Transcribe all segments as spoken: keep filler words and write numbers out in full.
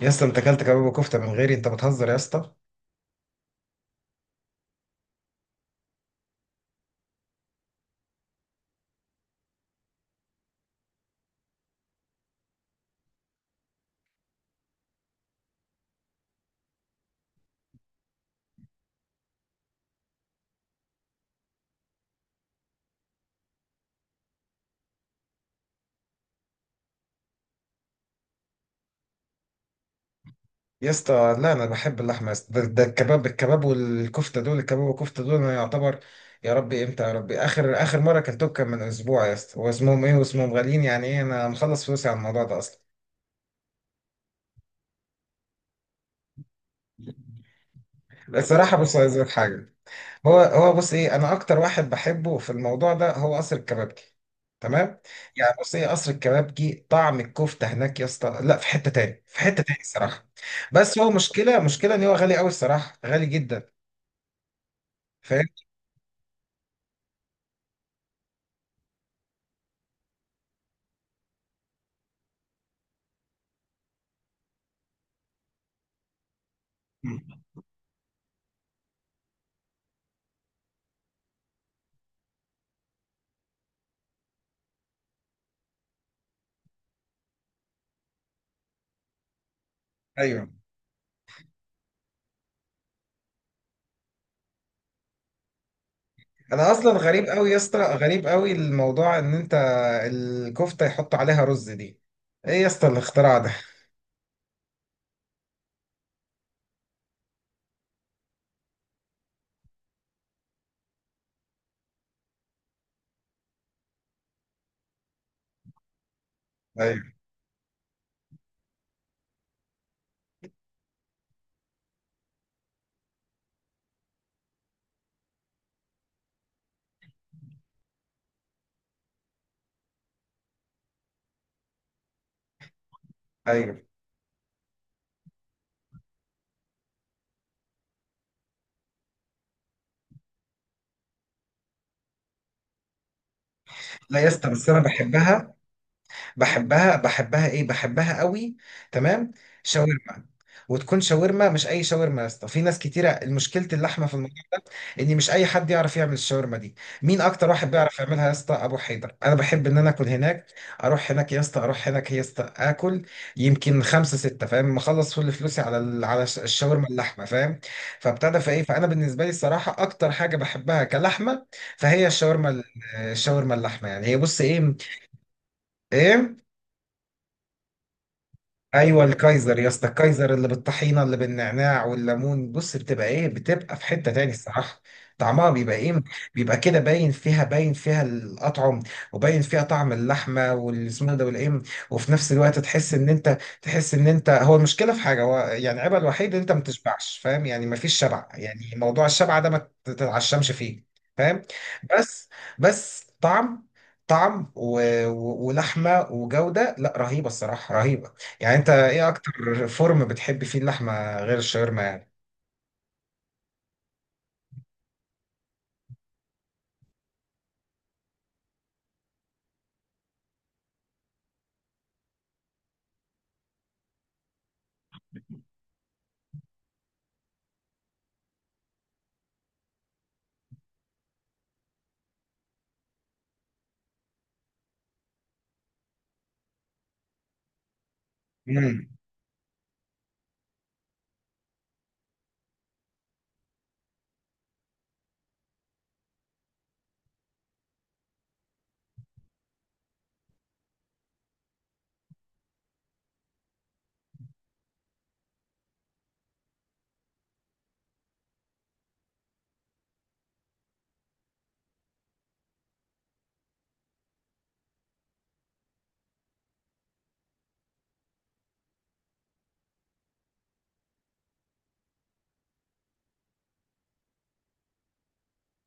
يا اسطى انت اكلت كباب وكفته من غيري؟ انت بتهزر يا اسطى. يا اسطى، لا انا بحب اللحمه يا اسطى. ده, ده الكباب. الكباب والكفته دول الكباب والكفته دول انا يعتبر. يا ربي امتى يا ربي؟ اخر اخر مره اكلتهم كان من اسبوع يا اسطى، واسمهم ايه واسمهم، غاليين يعني، ايه انا مخلص فلوسي على الموضوع ده اصلا. الصراحه بص، عايز أقول لك حاجه. هو هو بص ايه، انا اكتر واحد بحبه في الموضوع ده هو قصر الكبابجي. تمام. يعني بص ايه، قصر الكبابجي طعم الكفته هناك يا اسطى، لا في حته تاني، في حته تاني الصراحه. بس هو مشكله مشكله ان هو غالي قوي الصراحه، غالي جدا. فاهم. مم. ايوه. انا اصلا غريب قوي يا اسطى، غريب قوي الموضوع ان انت الكفته يحط عليها رز دي، ايه يا اسطى الاختراع ده؟ ايوه ايوه. لا يا اسطى، بس انا بحبها. بحبها بحبها ايه، بحبها قوي. تمام. شاورما. وتكون شاورما مش اي شاورما يا اسطى، في ناس كتيره مشكله اللحمه في الموضوع ان مش اي حد يعرف يعمل الشاورما دي. مين اكتر واحد بيعرف يعملها يا اسطى؟ ابو حيدر. انا بحب ان انا اكل هناك، اروح هناك يا اسطى، اروح هناك يا اسطى اكل. يمكن خمسة ستة، فاهم، مخلص كل فلوسي على ال- على الش- الشاورما اللحمه، فاهم. فابتدى في ايه، فانا بالنسبه لي الصراحه اكتر حاجه بحبها كلحمه فهي الشاورما ال- الشاورما اللحمه. يعني هي بص ايه. ايه؟ ايوه الكايزر يا اسطى، الكايزر اللي بالطحينه اللي بالنعناع والليمون، بص بتبقى ايه، بتبقى في حته تاني الصراحه. طعمها بيبقى ايه، بيبقى كده باين فيها، باين فيها الاطعم وباين فيها طعم اللحمه والسمنه ده والايه. وفي نفس الوقت تحس ان انت، تحس ان انت، هو المشكله في حاجه، هو يعني عيبها الوحيد ان انت ما بتشبعش فاهم يعني، ما فيش شبع يعني، موضوع الشبع ده ما تتعشمش فيه. فاهم. بس. بس طعم. طعم و... و... ولحمه وجوده، لا رهيبه الصراحه، رهيبه. يعني انت ايه اكتر فورم بتحب فيه اللحمه غير الشاورما يعني؟ امم.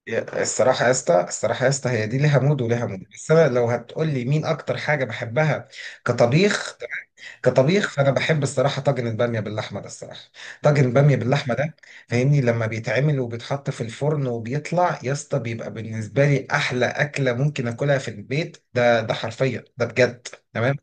يا، الصراحه يا اسطى، الصراحه يا اسطى، هي دي ليها مود وليها مود، بس انا لو هتقول لي مين اكتر حاجه بحبها كطبيخ. كطبيخ فانا بحب الصراحه طاجن الباميه باللحمه ده الصراحه. طاجن الباميه باللحمه ده، فاهمني، لما بيتعمل وبيتحط في الفرن وبيطلع يا اسطى، بيبقى بالنسبه لي احلى اكله ممكن اكلها في البيت ده، ده حرفيا ده بجد. تمام.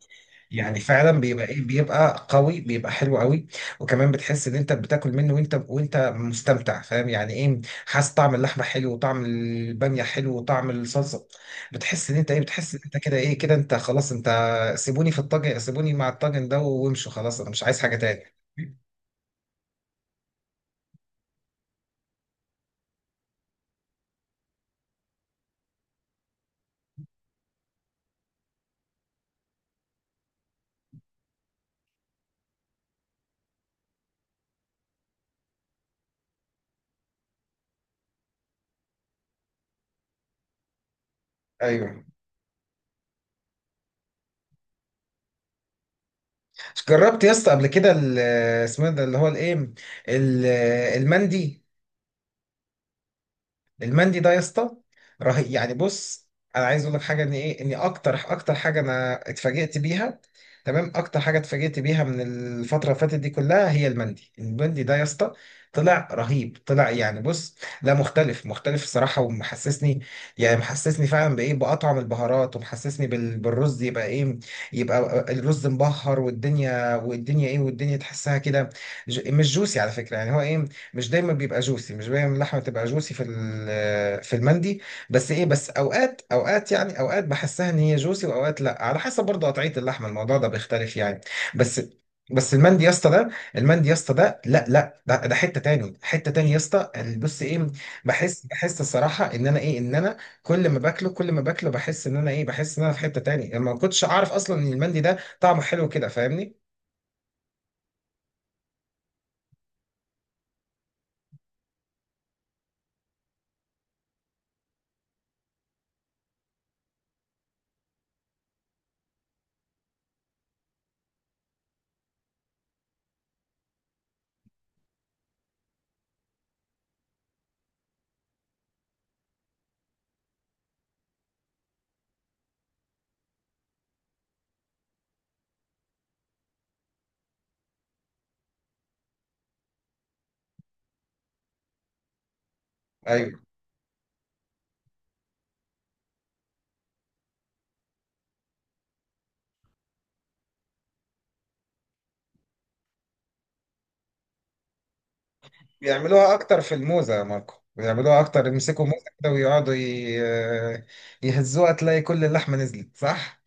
يعني فعلا بيبقى ايه، بيبقى قوي، بيبقى حلو قوي. وكمان بتحس ان انت بتاكل منه وانت وانت مستمتع، فاهم يعني ايه، حاسس طعم اللحمه حلو وطعم الباميه حلو وطعم الصلصه. بتحس ان انت ايه، بتحس ان انت كده ايه، كده انت خلاص انت، سيبوني في الطاجن، سيبوني مع الطاجن ده وامشوا، خلاص انا مش عايز حاجه تاني. ايوه. جربت يا اسطى قبل كده ال- اسمه إيه ده اللي هو الايه، ال- المندي؟ المندي ده يا اسطى رهيب، يعني بص، انا عايز اقول لك حاجه ان ايه، ان اكتر اكتر حاجه انا اتفاجئت بيها، تمام، اكتر حاجه اتفاجئت بيها من الفتره اللي فاتت دي كلها، هي المندي. المندي ده يا اسطى طلع رهيب، طلع يعني بص، لا مختلف مختلف الصراحه، ومحسسني، يعني محسسني فعلا بايه، باطعم البهارات، ومحسسني بال- بالرز، يبقى ايه، يبقى الرز مبهر والدنيا، والدنيا ايه، والدنيا تحسها كده. ج- مش جوسي على فكره، يعني هو ايه، مش دايما بيبقى جوسي، مش دايما اللحمه بتبقى جوسي في ال- في المندي. بس ايه، بس اوقات اوقات يعني، اوقات بحسها ان هي جوسي واوقات لا، على حسب برضه قطعيه اللحمه الموضوع ده بيختلف يعني. بس. بس المندي يا اسطى ده، المندي يا اسطى ده، لا لا، ده, ده حته تاني، حته تاني يا اسطى. بص ايه، بحس بحس الصراحه ان انا ايه، ان انا كل ما باكله كل ما باكله بحس ان انا ايه، بحس ان انا في حته تاني، يعني ما كنتش اعرف اصلا ان المندي ده طعمه حلو كده، فاهمني. ايوه، بيعملوها اكتر في الموزة يا ماركو، بيعملوها اكتر، يمسكوا موزة كده ويقعدوا ي- يهزوها، تلاقي كل اللحمة نزلت، صح.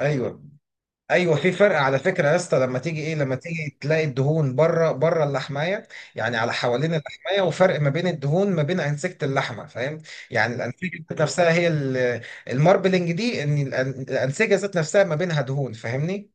ايوه ايوه، في فرق على فكره يا اسطى لما تيجي ايه، لما تيجي تلاقي الدهون بره بره اللحمايه، يعني على حوالين اللحمايه، وفرق ما بين الدهون ما بين انسجه اللحمه فاهم، يعني الانسجه ذات نفسها هي ال- الماربلنج دي، ان الأن- الانسجه ذات نفسها ما بينها دهون، فاهمني.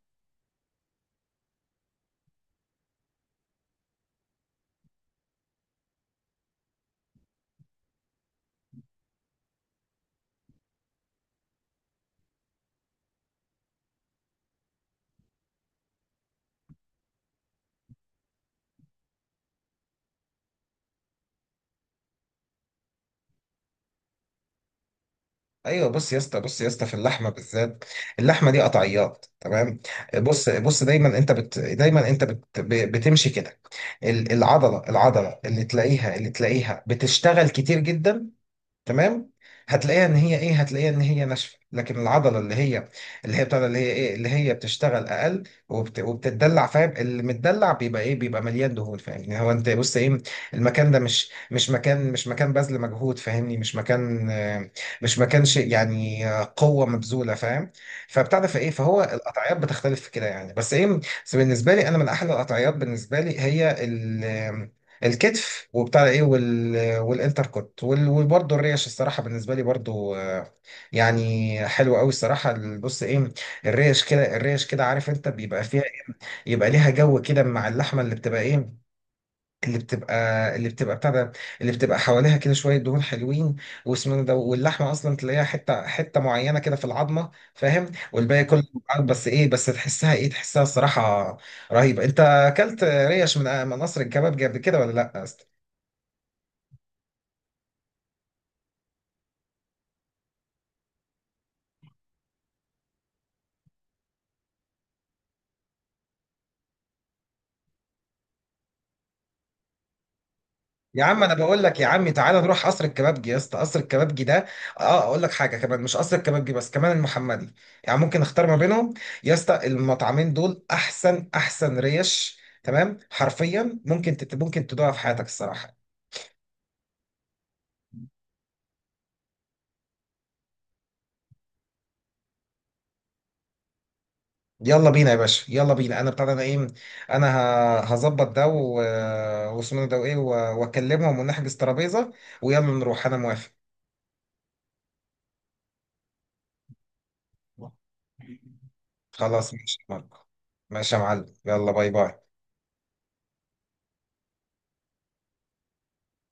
ايوه. بص يا اسطى، بص يا اسطى، في اللحمه بالذات اللحمه دي قطعيات، تمام، بص بص، دايما انت بت دايما انت بت ب- بتمشي كده، ال- العضله العضله اللي تلاقيها، اللي تلاقيها بتشتغل كتير جدا، تمام، هتلاقيها ان هي ايه، هتلاقيها ان هي ناشفه. لكن العضله اللي هي، اللي هي بتاع ده، اللي هي ايه، اللي هي بتشتغل اقل وبت... وبتتدلع، فاهم، اللي متدلع بيبقى ايه، بيبقى مليان دهون، فاهمني. هو انت بص ايه، المكان ده مش مش مكان، مش مكان بذل مجهود، فاهمني، مش مكان آه، مش مكان شيء يعني، آه، قوه مبذوله، فاهم. فبتاع ده فايه، فهو القطعيات بتختلف في كده يعني، بس ايه، بس بالنسبه لي انا من احلى القطعيات بالنسبه لي هي ال... آه، الكتف، وبتاع ده ايه، وال والانتر كوت، وال- وبرضه الريش الصراحه بالنسبه لي برضه، آه، يعني حلوه قوي الصراحه، ال- بص ايه، الريش كده، الريش كده، عارف انت بيبقى فيها إيه؟ يبقى ليها جو كده مع اللحمه اللي بتبقى ايه، اللي بتبقى اللي بتبقى بتاع ده، اللي بتبقى حواليها كده شويه دهون حلوين، واسمه ده، واللحمه اصلا تلاقيها حته حته معينه كده في العظمه، فاهم، والباقي كله، بس ايه، بس تحسها ايه، تحسها الصراحه رهيبه. انت اكلت ريش من من قصر الكبابجي قبل كده ولا لا؟ يا عم انا بقول لك يا عمي، تعالى نروح قصر الكبابجي يا اسطى، قصر الكبابجي ده، اه اقول لك حاجه كمان، مش قصر الكبابجي بس، كمان المحمدي، يعني ممكن اختار ما بينهم. يا اسطى المطعمين دول احسن احسن ريش، تمام، حرفيا ممكن تت... ممكن تدوقها في حياتك الصراحه. يلا بينا يا باشا، يلا بينا، انا بتاع ده، انا ايه، انا ه- هظبط ده و... واسمه ده وايه و- واكلمهم ونحجز ترابيزه، ويلا نروح، انا موافق. خلاص ماشي يا ماركو. ماشي يا معلم، يلا باي باي.